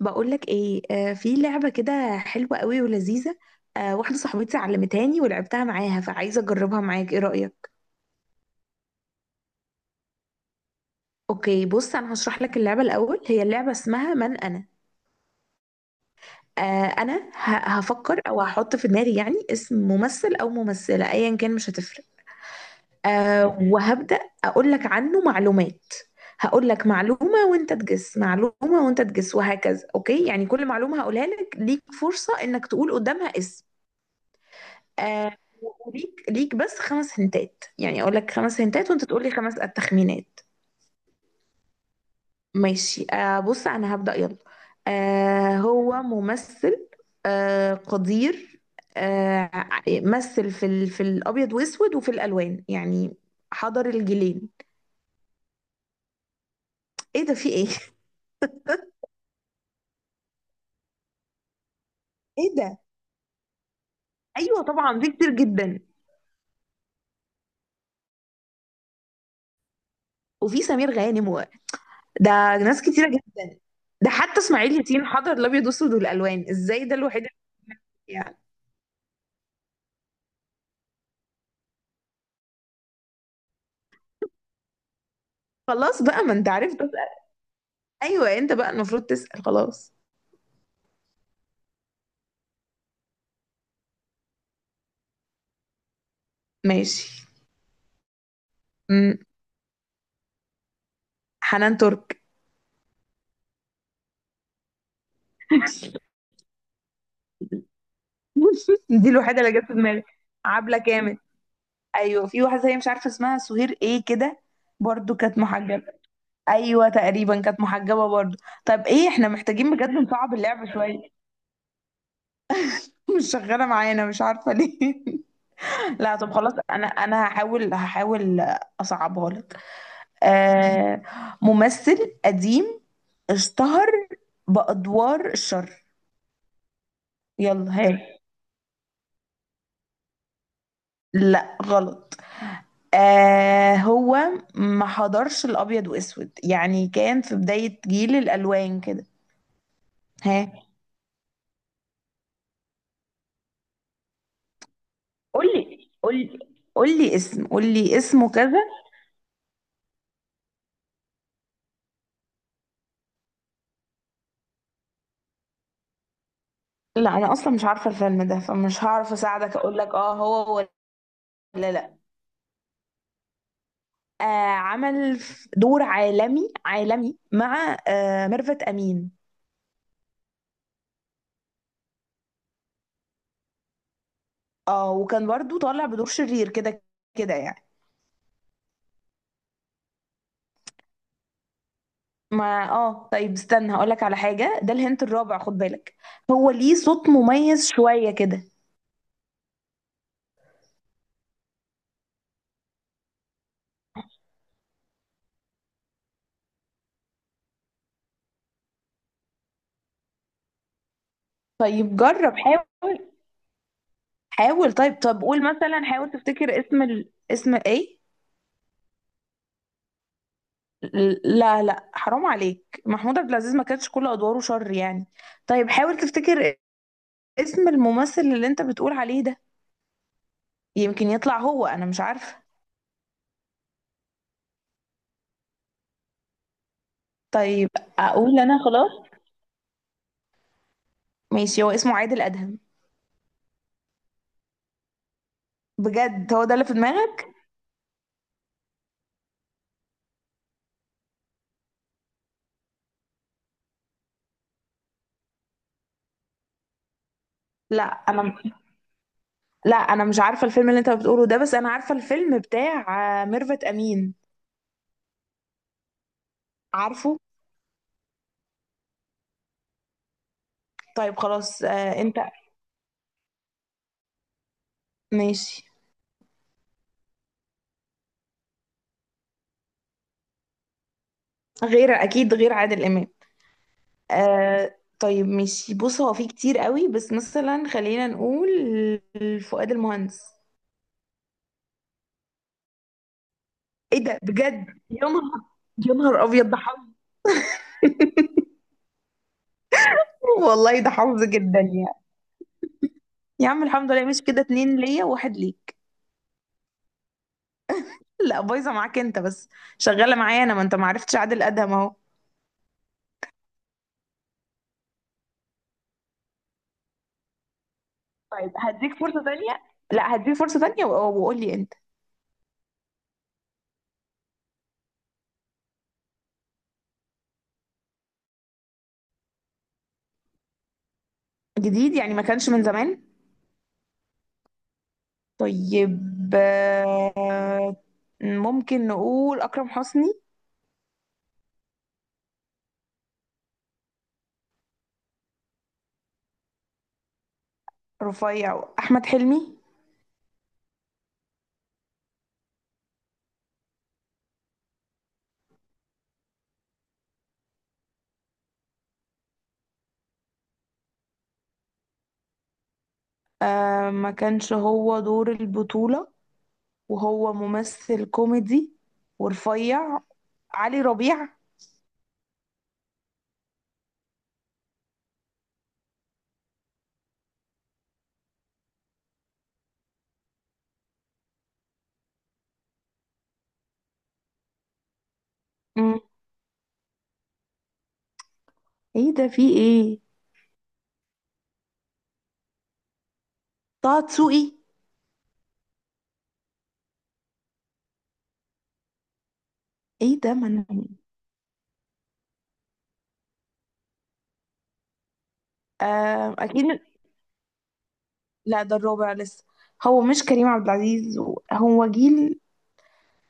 بقولك ايه، في لعبة كده حلوة قوي ولذيذة. واحدة صاحبتي علمتهاني ولعبتها معاها، فعايزة اجربها معاك. ايه رأيك؟ اوكي، بص انا هشرح لك اللعبة الاول. هي اللعبة اسمها من انا. انا هفكر او هحط في دماغي يعني اسم ممثل او ممثلة، ايا كان مش هتفرق. وهبدأ اقول لك عنه معلومات. هقول لك معلومة وانت تجس، معلومة وانت تجس، وهكذا. اوكي؟ يعني كل معلومة هقولها لك ليك فرصة انك تقول قدامها اسم. آه وليك بس خمس هنتات، يعني اقول لك خمس هنتات وانت تقول لي خمس التخمينات. ماشي، بص انا هبدأ يلا. هو ممثل. قدير. آه مثل في الابيض واسود وفي الالوان يعني، حضر الجيلين. ايه ده؟ في ايه؟ ايه ده! ايوه طبعا، دي كتير جدا. وفي سمير غانم و... ده ناس كتيره جدا. ده حتى اسماعيل ياسين حضر الابيض واسود والالوان، ازاي؟ ده الوحيد اللي... خلاص بقى، ما انت عرفت تسأل. ايوه، انت بقى المفروض تسأل. خلاص، ماشي. امم حنان ترك. دي الوحيدة اللي جت في دماغي، عبلة كامل. ايوه، في واحدة هي مش عارفة اسمها، سهير ايه كده، برضو كانت محجبة. ايوه تقريبا كانت محجبة برضو. طب ايه، احنا محتاجين بجد نصعب اللعبة شوية. مش شغالة معانا، مش عارفة ليه. لا طب خلاص، انا هحاول اصعبها لك. آه ممثل قديم، اشتهر بأدوار الشر. يلا، ها؟ لا، غلط. هو ما حضرش الأبيض وأسود، يعني كان في بداية جيل الألوان كده. ها؟ قولي، قولي. قولي اسم، قولي اسمه كذا. لا، أنا أصلا مش عارفة الفيلم ده، فمش هعرف أساعدك. أقولك هو... ولا، لا. آه عمل دور عالمي، عالمي مع ميرفت أمين. اه، وكان برضو طالع بدور شرير كده، كده يعني. ما طيب استنى، هقولك على حاجة. ده الهنت الرابع، خد بالك. هو ليه صوت مميز شوية كده. طيب جرب، حاول. حاول، طيب. طب قول مثلا، حاول تفتكر اسم اسم ايه. لا لا، حرام عليك، محمود عبد العزيز ما كانتش كل ادواره شر يعني. طيب، حاول تفتكر اسم الممثل اللي انت بتقول عليه ده. يمكن يطلع هو، انا مش عارفة. طيب، اقول انا، خلاص. ماشي، هو اسمه عادل ادهم. بجد هو ده اللي في دماغك؟ لا انا لا انا مش عارفه الفيلم اللي انت بتقوله ده، بس انا عارفه الفيلم بتاع ميرفت امين. عارفه. طيب خلاص، انت. ماشي. غير اكيد غير عادل امام. طيب ماشي، بص هو في كتير قوي بس مثلا خلينا نقول فؤاد المهندس. ايه ده بجد، يا نهار! يا نهار ابيض، ده حظ! والله، ده حظ جدا يعني. يا عم الحمد لله، مش كده؟ اتنين ليا وواحد ليك. لا، بايظه معاك انت بس. شغاله معايا انا، ما انت ما عرفتش عادل ادهم اهو. طيب، هديك فرصة تانية. لا، هديك فرصة تانية وقول لي انت. جديد، يعني ما كانش من زمان؟ طيب، آه، ممكن نقول أكرم حسني. رفيع، أحمد حلمي. ما كانش هو دور البطولة، وهو ممثل كوميدي ورفيع. علي ربيع. مم. ايه ده؟ في ايه؟ طه دسوقي. ايه ده من... اكيد. لا، ده الرابع لسه. هو مش كريم عبد العزيز؟ هو جيل،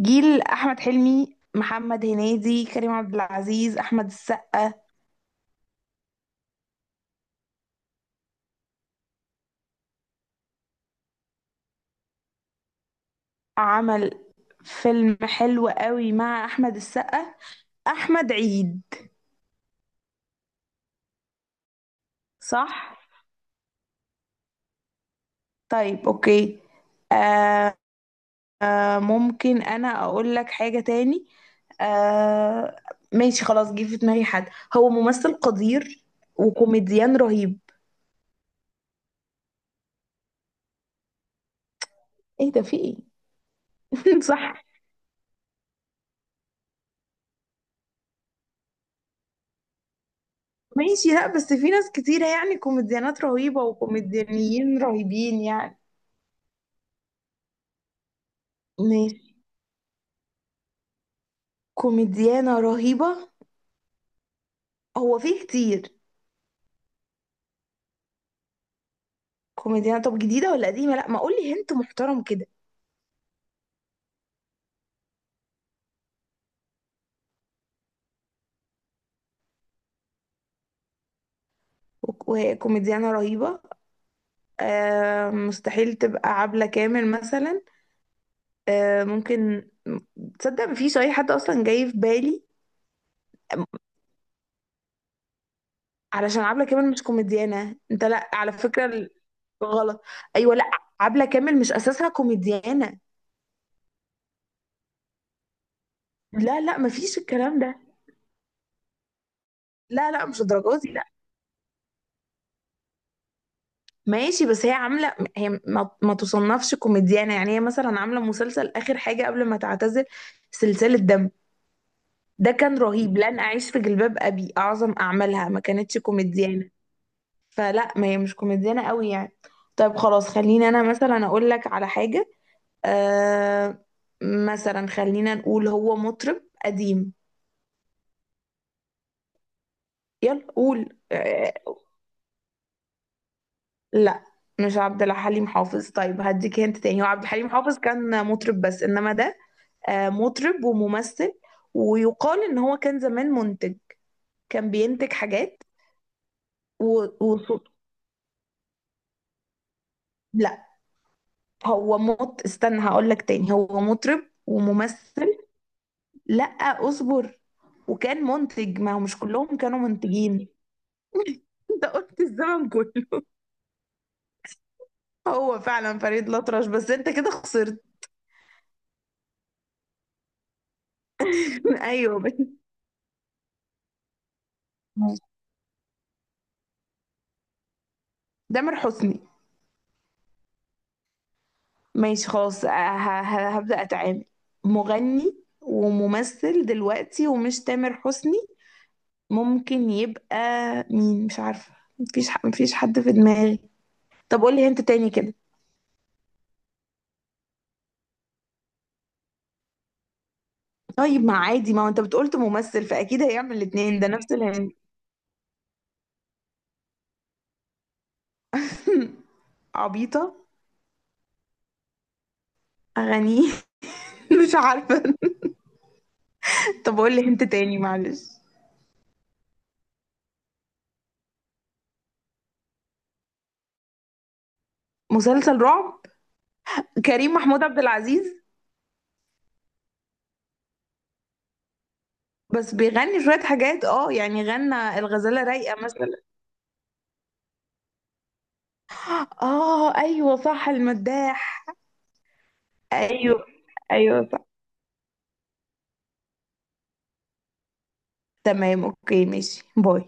جيل احمد حلمي، محمد هنيدي، كريم عبد العزيز، احمد السقا. عمل فيلم حلو قوي مع احمد السقا، احمد عيد. صح. طيب اوكي. آه ممكن انا اقول لك حاجة تاني؟ آه ماشي خلاص، جه في دماغي حد. هو ممثل قدير وكوميديان رهيب. ايه ده؟ في ايه؟ صح. ماشي، لا بس في ناس كتيرة يعني، كوميديانات رهيبة وكوميديانيين رهيبين يعني. ماشي. كوميديانة رهيبة. هو فيه كتير. كوميديانة، طب جديدة ولا قديمة؟ لا ما، قولي هنت محترم كده. وكوميديانة رهيبة. مستحيل تبقى عبلة كامل مثلا؟ ممكن. تصدق مفيش أي حد أصلا جاي في بالي؟ علشان عبلة كامل مش كوميديانة انت، لا على فكرة. غلط. ايوه، لا، عبلة كامل مش اساسها كوميديانة. لا لا، مفيش الكلام ده. لا لا، مش الدرجات دي. ماشي، بس هي عاملة، هي ما تصنفش كوميديانة يعني. هي مثلا عاملة مسلسل آخر حاجة قبل ما تعتزل، سلسلة دم. ده كان رهيب. لن أعيش في جلباب أبي أعظم أعمالها، ما كانتش كوميديانة. فلا، ما هي مش كوميديانة قوي يعني. طيب خلاص، خليني أنا مثلا أقول لك على حاجة. آه مثلا خلينا نقول، هو مطرب قديم. يلا قول. لا، مش عبد الحليم حافظ. طيب هديك هنت تاني. هو عبد الحليم حافظ كان مطرب بس، إنما ده مطرب وممثل، ويقال ان هو كان زمان منتج، كان بينتج حاجات. وصوت. لا، هو استنى، هقول لك تاني. هو مطرب وممثل. لا، اصبر. وكان منتج، ما هو مش كلهم كانوا منتجين. انت قلت الزمن كله. هو فعلا فريد الأطرش، بس انت كده خسرت. ايوه بس. تامر حسني. ماشي خلاص، هبدأ اتعامل. مغني وممثل دلوقتي ومش تامر حسني، ممكن يبقى مين؟ مش عارفة. مفيش حد في دماغي. طب قولي هنت تاني كده. طيب، ما عادي، ما هو انت بتقولت ممثل فأكيد هيعمل الاتنين، ده نفس الهنت. عبيطة؟ أغانيه؟ مش عارفة. طب قولي هنت تاني، معلش. مسلسل رعب، كريم محمود عبد العزيز. بس بيغني شوية حاجات، اه يعني غنى الغزالة رايقة مثلا. اه ايوه صح، المداح. ايوه، ايوه صح. تمام اوكي، ماشي، باي.